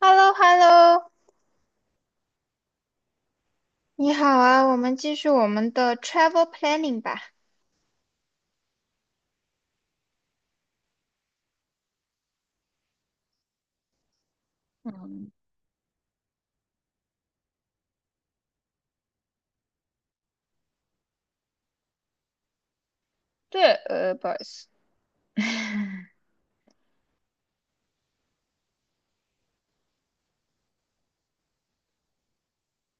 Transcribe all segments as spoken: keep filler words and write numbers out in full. h e l l o h e l l o 你好啊，我们继续我们的 travel planning 吧。嗯，对，呃，不好意思，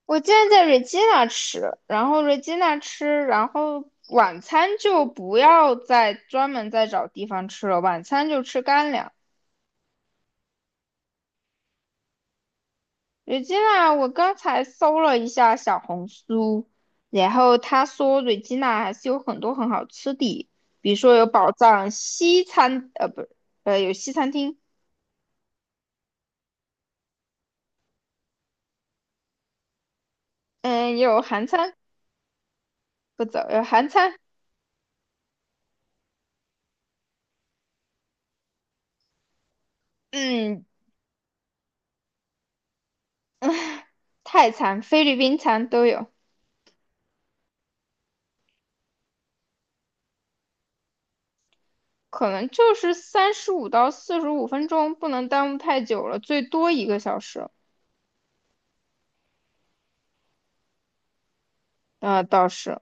我今天在 Regina 吃，然后 Regina 吃，然后晚餐就不要再专门再找地方吃了，晚餐就吃干粮。Regina，我刚才搜了一下小红书，然后他说 Regina 还是有很多很好吃的，比如说有宝藏西餐，呃，不是，呃，有西餐厅，嗯，也有韩餐，不走，有韩餐，嗯，泰餐、菲律宾餐都有，可能就是三十五到四十五分钟，不能耽误太久了，最多一个小时。啊、倒是，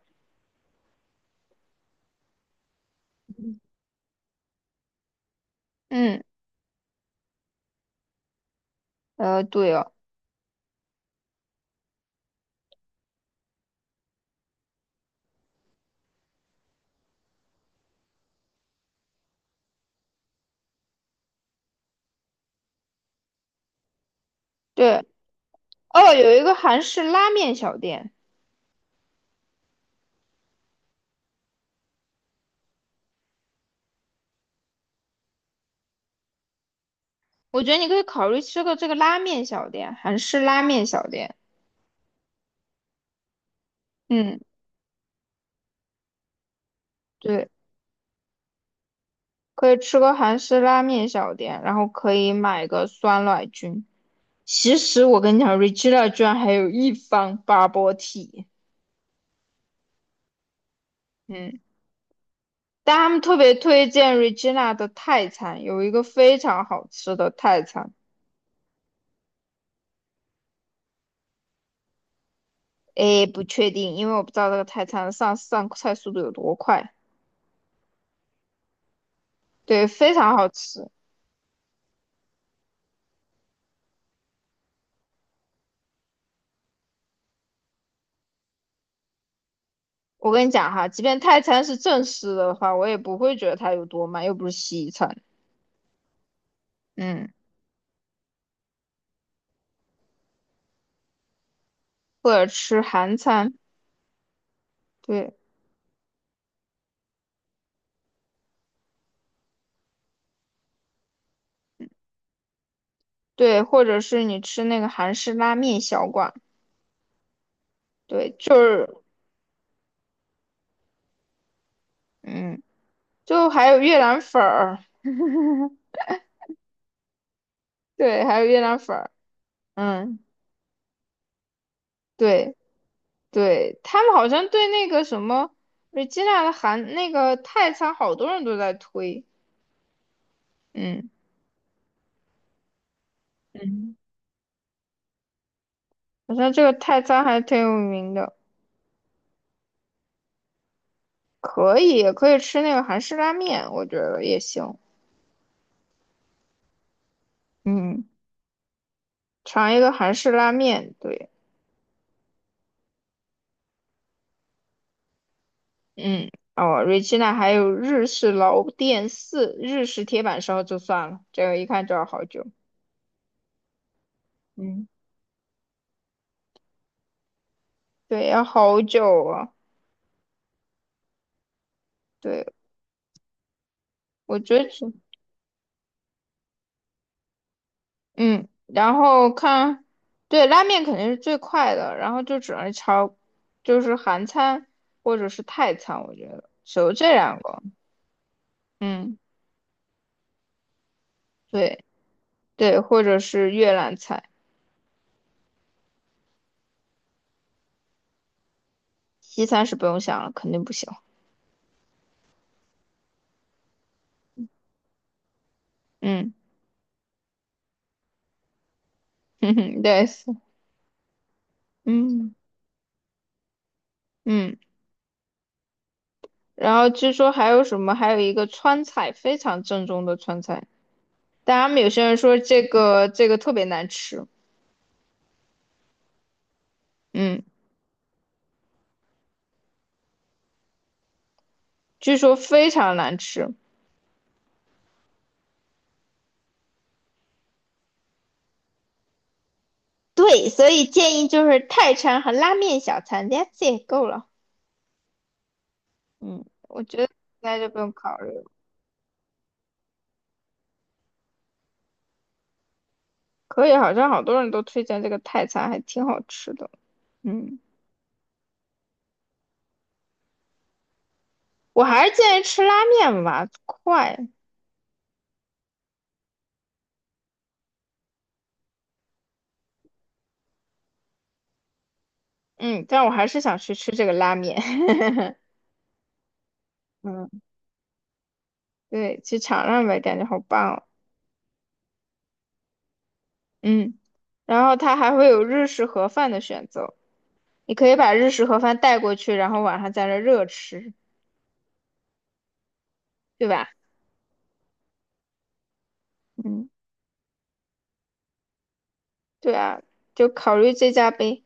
嗯，呃，对哦，对哦，有一个韩式拉面小店，我觉得你可以考虑吃个这个拉面小店，韩式拉面小店。嗯，对，可以吃个韩式拉面小店，然后可以买个酸奶菌。其实我跟你讲，Regina 居然还有一方 b u b 嗯，但他们特别推荐 Regina 的泰餐，有一个非常好吃的泰餐。诶，不确定，因为我不知道这个泰餐上上菜速度有多快。对，非常好吃。我跟你讲哈，即便泰餐是正式的话，我也不会觉得它有多慢，又不是西餐。嗯，或者吃韩餐，对对，或者是你吃那个韩式拉面小馆，对，就是嗯，就还有越南粉儿，对，还有越南粉儿，嗯。对，对，他们好像对那个什么瑞吉娜的韩那个泰餐，好多人都在推，嗯，嗯，好像这个泰餐还挺有名的，可以也可以吃那个韩式拉面，我觉得也行，嗯，尝一个韩式拉面，对，嗯，哦瑞吉娜还有日式老店四，日式铁板烧就算了，这个一看就要好久，嗯，对，要好久啊，对，我觉得。嗯，然后看，对，拉面肯定是最快的，然后就只能朝，就是韩餐或者是泰餐，我觉得只有这两个。嗯，对对，或者是越南菜，西餐是不用想了，肯定不行。嗯，哼哼，对，是嗯嗯，然后据说还有什么，还有一个川菜，非常正宗的川菜，但他们有些人说这个这个特别难吃，嗯，据说非常难吃。对，所以建议就是泰餐和拉面小餐 t h a t 够了。嗯，我觉得应该就不用考虑了。可以，好像好多人都推荐这个泰餐，还挺好吃的。嗯，我还是建议吃拉面吧，快。嗯，但我还是想去吃这个拉面。嗯，对，去尝尝呗，感觉好棒哦。嗯，然后它还会有日式盒饭的选择，你可以把日式盒饭带过去，然后晚上在这热吃，对吧？嗯，对啊，就考虑这家呗。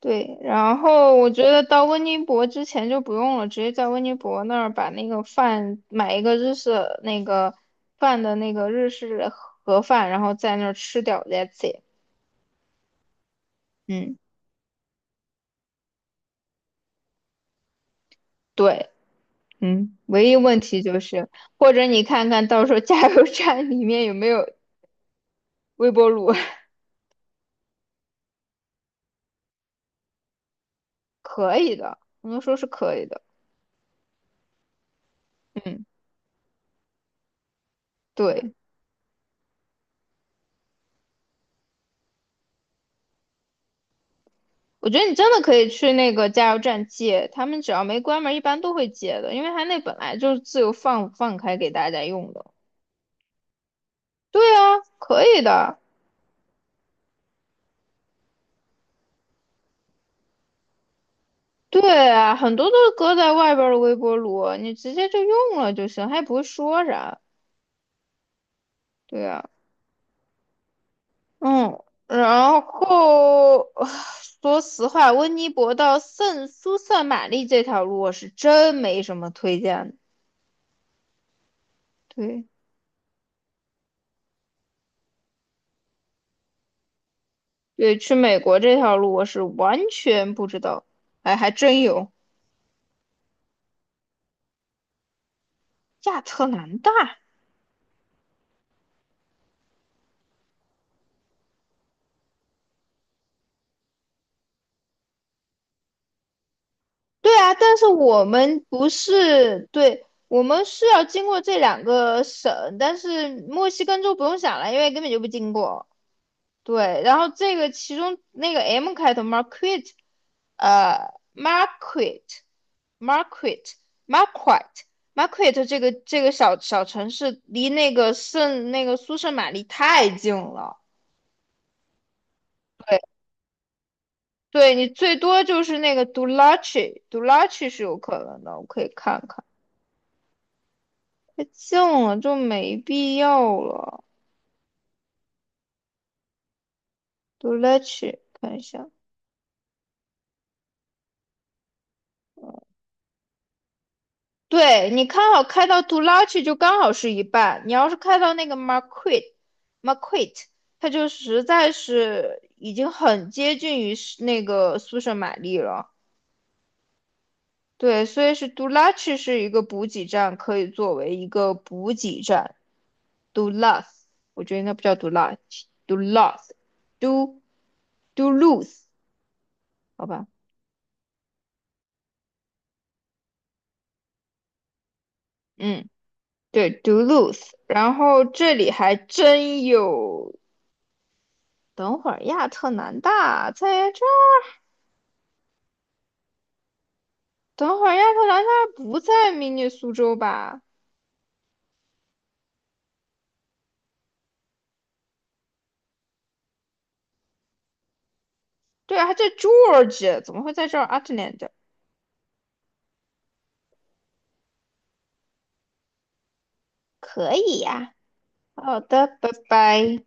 对，然后我觉得到温尼伯之前就不用了，直接在温尼伯那儿把那个饭买一个日式那个饭的那个日式盒饭，然后在那儿吃掉，that's it。嗯，对，嗯，唯一问题就是，或者你看看到时候加油站里面有没有微波炉，可以的，我能说是可以的。嗯，对。我觉得你真的可以去那个加油站借，他们只要没关门，一般都会借的，因为他那本来就是自由放放开给大家用的。对啊，可以的。对啊，很多都是搁在外边儿的微波炉，你直接就用了就行，他也不会说啥。对啊，嗯，然后 说实话，温尼伯到圣苏塞玛丽这条路我是真没什么推荐的对对，去美国这条路我是完全不知道，哎，还真有。亚特兰大，对啊，但是我们不是，对，我们是要经过这两个省，但是墨西哥州不用想了，因为根本就不经过。对，然后这个其中那个 M 开头 m a r q u e t 呃 m a r q u e t m a r q u e t m a r q u e t m a r q u e t 这个这个小小城市离那个圣那个苏圣玛丽太近了。对，对你最多就是那个 Dulac，Dulac 是有可能的，我可以看看。太近了就没必要了。杜拉奇，看一下，对你看好开到杜拉奇就刚好是一半，你要是开到那个 Marquette，Marquette，它就实在是已经很接近于是那个苏舍玛丽了。对，所以是杜拉奇是一个补给站，可以作为一个补给站。杜拉斯，我觉得应该不叫杜拉奇，杜拉斯，杜杜鲁斯，好吧，嗯。对，Duluth，然后这里还真有。等会儿亚特兰大在这儿，等会儿亚特兰大不在明尼苏州吧？对啊，还在 Georgia，怎么会在这儿 Atlanta？可以呀、好的，拜拜。